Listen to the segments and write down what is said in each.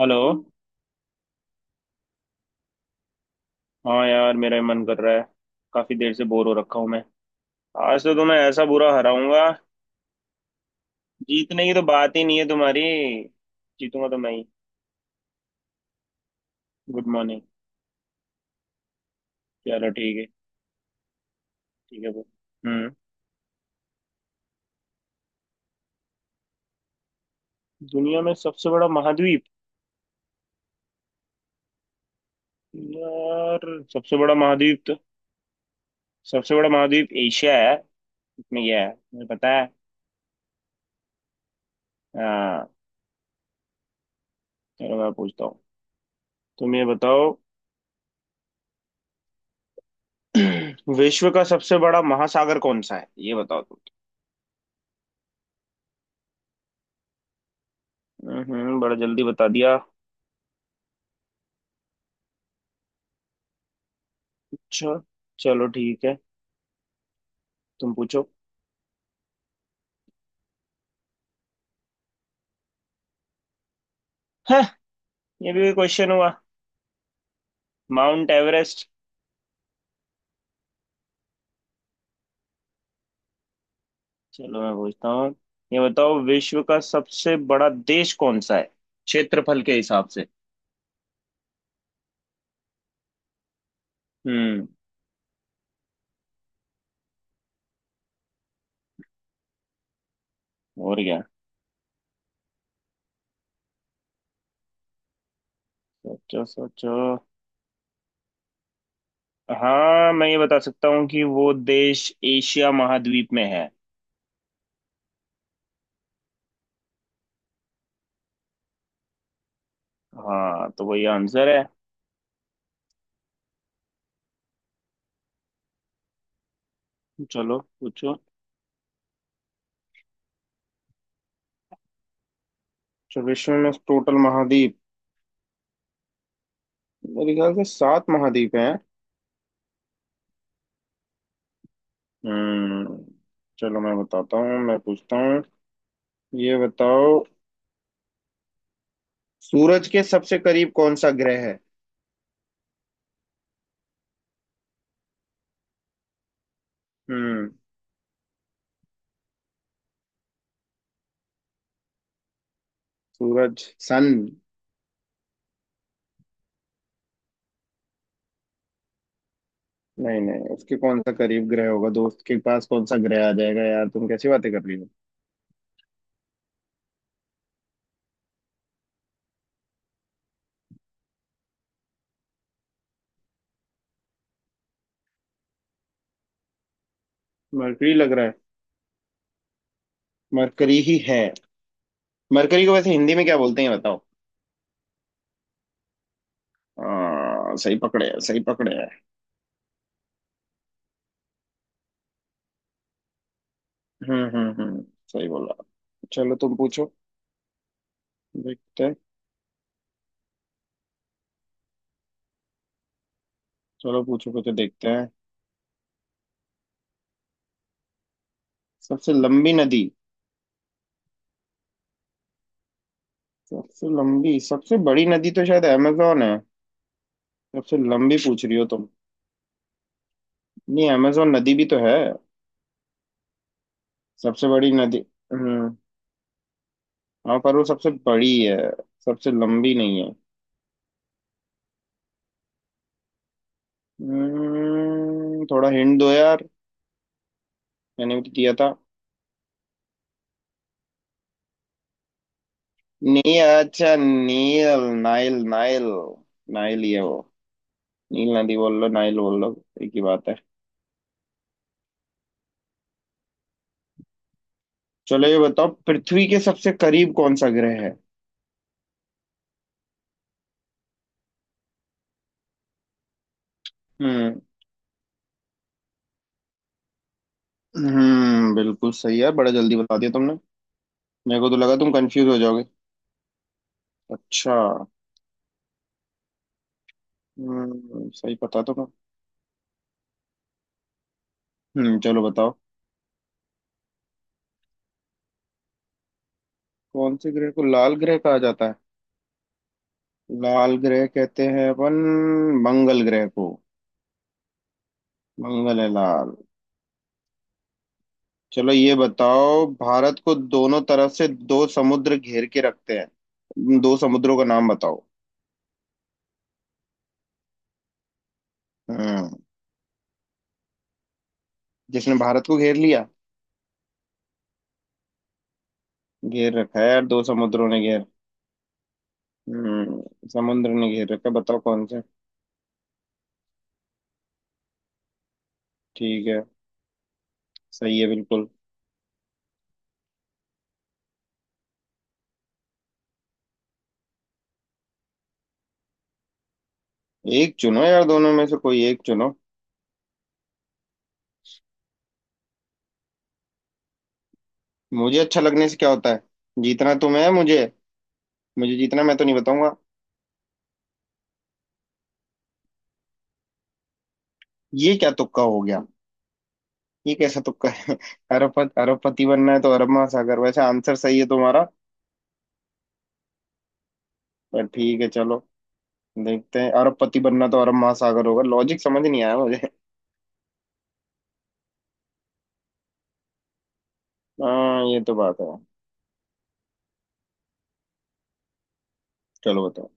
Hello. हाँ यार मेरा ही मन कर रहा है। काफी देर से बोर हो रखा हूं मैं। आज तो तुम्हें ऐसा बुरा हराऊंगा। जीतने की तो बात ही नहीं है तुम्हारी। जीतूंगा तो मैं ही। Good morning. चलो ठीक है। ठीक है वो। हम्म। दुनिया में सबसे बड़ा महाद्वीप। यार सबसे बड़ा महाद्वीप तो सबसे बड़ा महाद्वीप एशिया है। इसमें क्या है। मुझे पता है। हाँ। चलो मैं पूछता हूँ। तुम ये बताओ। विश्व का सबसे बड़ा महासागर कौन सा है ये बताओ तुम। बड़ा जल्दी बता दिया। अच्छा। चलो ठीक है। तुम पूछो। हाँ ये भी क्वेश्चन हुआ। Mount Everest. चलो मैं पूछता हूँ। ये बताओ विश्व का सबसे बड़ा देश कौन सा है क्षेत्रफल के हिसाब से। हम्म। और क्या। सोचो सोचो। हाँ मैं ये बता सकता हूँ कि वो देश एशिया महाद्वीप में है। हाँ तो वही आंसर है। चलो पूछो। अच्छा विश्व में टोटल महाद्वीप। मेरे ख्याल से सात महाद्वीप हैं। हम्म। चलो मैं पूछता हूँ। ये बताओ सूरज के सबसे करीब कौन सा ग्रह है। हम्म। सूरज सन। नहीं नहीं उसके कौन सा करीब ग्रह होगा? दोस्त के पास कौन सा ग्रह आ जाएगा यार? तुम कैसी बातें कर रही हो। मरकरी लग रहा है। मरकरी ही है। मरकरी को वैसे हिंदी में क्या बोलते हैं ये बताओ। सही पकड़े हैं सही पकड़े हैं। हम्म। सही बोला। चलो तुम पूछो। देखते हैं। चलो पूछो पूछो देखते हैं। सबसे लंबी नदी। सबसे लंबी सबसे बड़ी नदी तो शायद अमेजोन है। सबसे लंबी पूछ रही हो तुम? नहीं अमेजोन नदी भी तो है। सबसे बड़ी नदी। हम्म। हाँ पर वो सबसे बड़ी है, सबसे लंबी नहीं है। थोड़ा हिंट दो यार। मैंने भी तो दिया था। नी अच्छा नील नाइल नाइल। नाइल ही है वो। नील नदी बोल लो नाइल बोल लो, एक ही बात है। चलो ये बताओ पृथ्वी के सबसे करीब कौन सा ग्रह है। हम्म। बिल्कुल सही है, बड़ा जल्दी बता दिया तुमने। मेरे को तो लगा तुम कंफ्यूज हो जाओगे। अच्छा। सही पता तो मैं। चलो बताओ। कौन से ग्रह को लाल ग्रह कहा जाता है? लाल ग्रह कहते हैं अपन मंगल ग्रह को। मंगल है लाल। चलो ये बताओ भारत को दोनों तरफ से दो समुद्र घेर के रखते हैं, दो समुद्रों का नाम बताओ। हम्म। जिसने भारत को घेर लिया घेर रखा है यार दो समुद्रों ने घेर। समुद्र ने घेर रखा है, बताओ कौन से। ठीक है। सही है बिल्कुल। एक चुनो यार, दोनों में से कोई एक चुनो। मुझे अच्छा लगने से क्या होता है? जीतना तुम्हें है मुझे। मुझे जीतना, मैं तो नहीं बताऊंगा। ये क्या तुक्का हो गया? ये कैसा तुक्का है अरबपति अरबपति बनना है तो अरब महासागर? वैसे आंसर सही है तुम्हारा। पर ठीक है चलो, देखते हैं। अरबपति बनना तो अरब महासागर होगा, लॉजिक समझ नहीं आया मुझे हाँ ये तो बात है। चलो बताओ।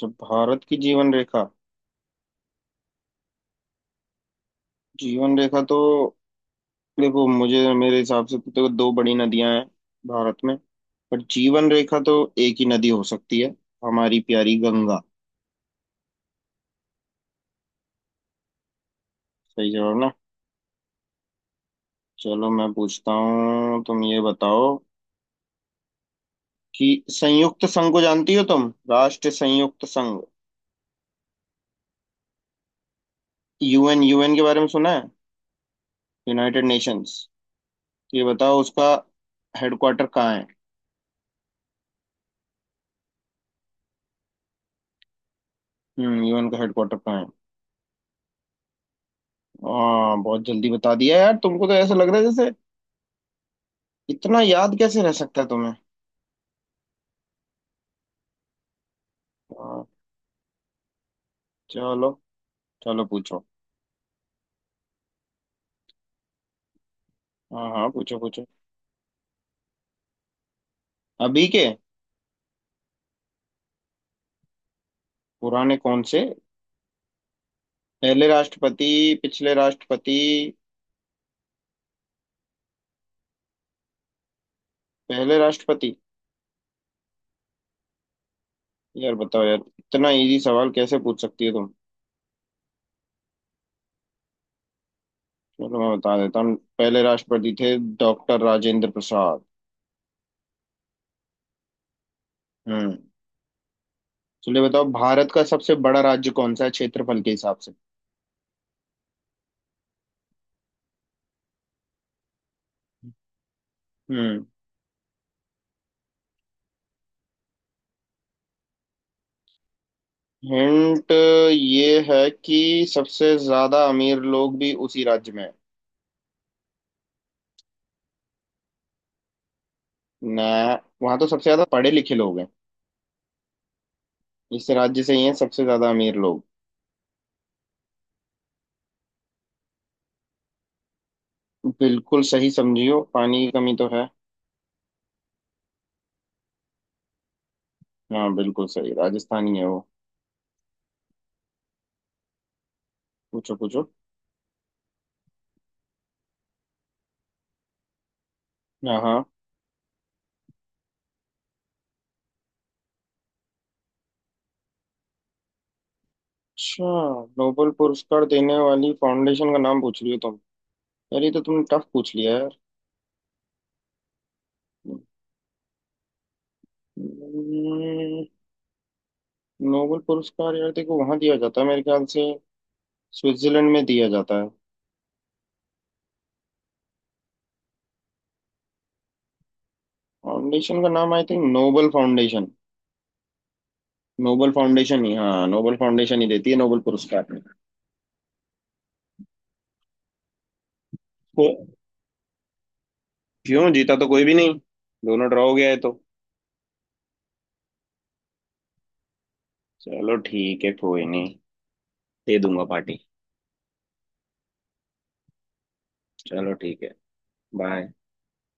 जब भारत की जीवन रेखा। जीवन रेखा तो देखो मुझे, मेरे हिसाब से तो दो बड़ी नदियां हैं भारत में, पर जीवन रेखा तो एक ही नदी हो सकती है, हमारी प्यारी गंगा। सही जवाब ना। चलो मैं पूछता हूँ। तुम ये बताओ कि संयुक्त संघ को जानती हो तुम? राष्ट्र संयुक्त संघ। यूएन, यूएन के बारे में सुना है? United Nations. ये बताओ उसका हेडक्वार्टर कहाँ है। यूएन का हेडक्वार्टर कहाँ है? हाँ बहुत जल्दी बता दिया यार तुमको, तो ऐसा लग रहा है जैसे इतना याद कैसे रह सकता है तुम्हें। हाँ। चलो। चलो पूछो। हाँ हाँ पूछो पूछो। अभी के? पुराने कौन से? पहले राष्ट्रपति? पिछले राष्ट्रपति? पहले राष्ट्रपति? यार बताओ यार इतना इजी सवाल कैसे पूछ सकती है तुम। चलो मैं बता देता हूँ, पहले राष्ट्रपति थे डॉक्टर राजेंद्र प्रसाद। हम्म। चलिए बताओ भारत का सबसे बड़ा राज्य कौन सा है क्षेत्रफल के हिसाब से। हम्म। हिंट ये है कि सबसे ज्यादा अमीर लोग भी उसी राज्य में हैं। ना वहां तो सबसे ज्यादा पढ़े लिखे लोग हैं। इस राज्य से ही हैं सबसे ज्यादा अमीर लोग। बिल्कुल सही समझियो, पानी की कमी तो है। हाँ बिल्कुल सही राजस्थान ही है वो। पूछो पूछो। हाँ हाँ। अच्छा, नोबेल पुरस्कार देने वाली फाउंडेशन का नाम पूछ रही हो? यार ये तो तुमने टफ पूछ लिया यार। हम्म, नोबेल पुरस्कार यार देखो वहां दिया जाता है मेरे ख्याल से स्विट्जरलैंड में दिया जाता है। फाउंडेशन का नाम I think Nobel foundation. Nobel foundation ही, हाँ नोबेल फाउंडेशन ही देती है नोबेल पुरस्कार। को क्यों? जीता तो कोई भी नहीं, दोनों ड्रॉ हो गया है तो। चलो ठीक है कोई नहीं, दे दूंगा पार्टी। चलो ठीक है। बाय।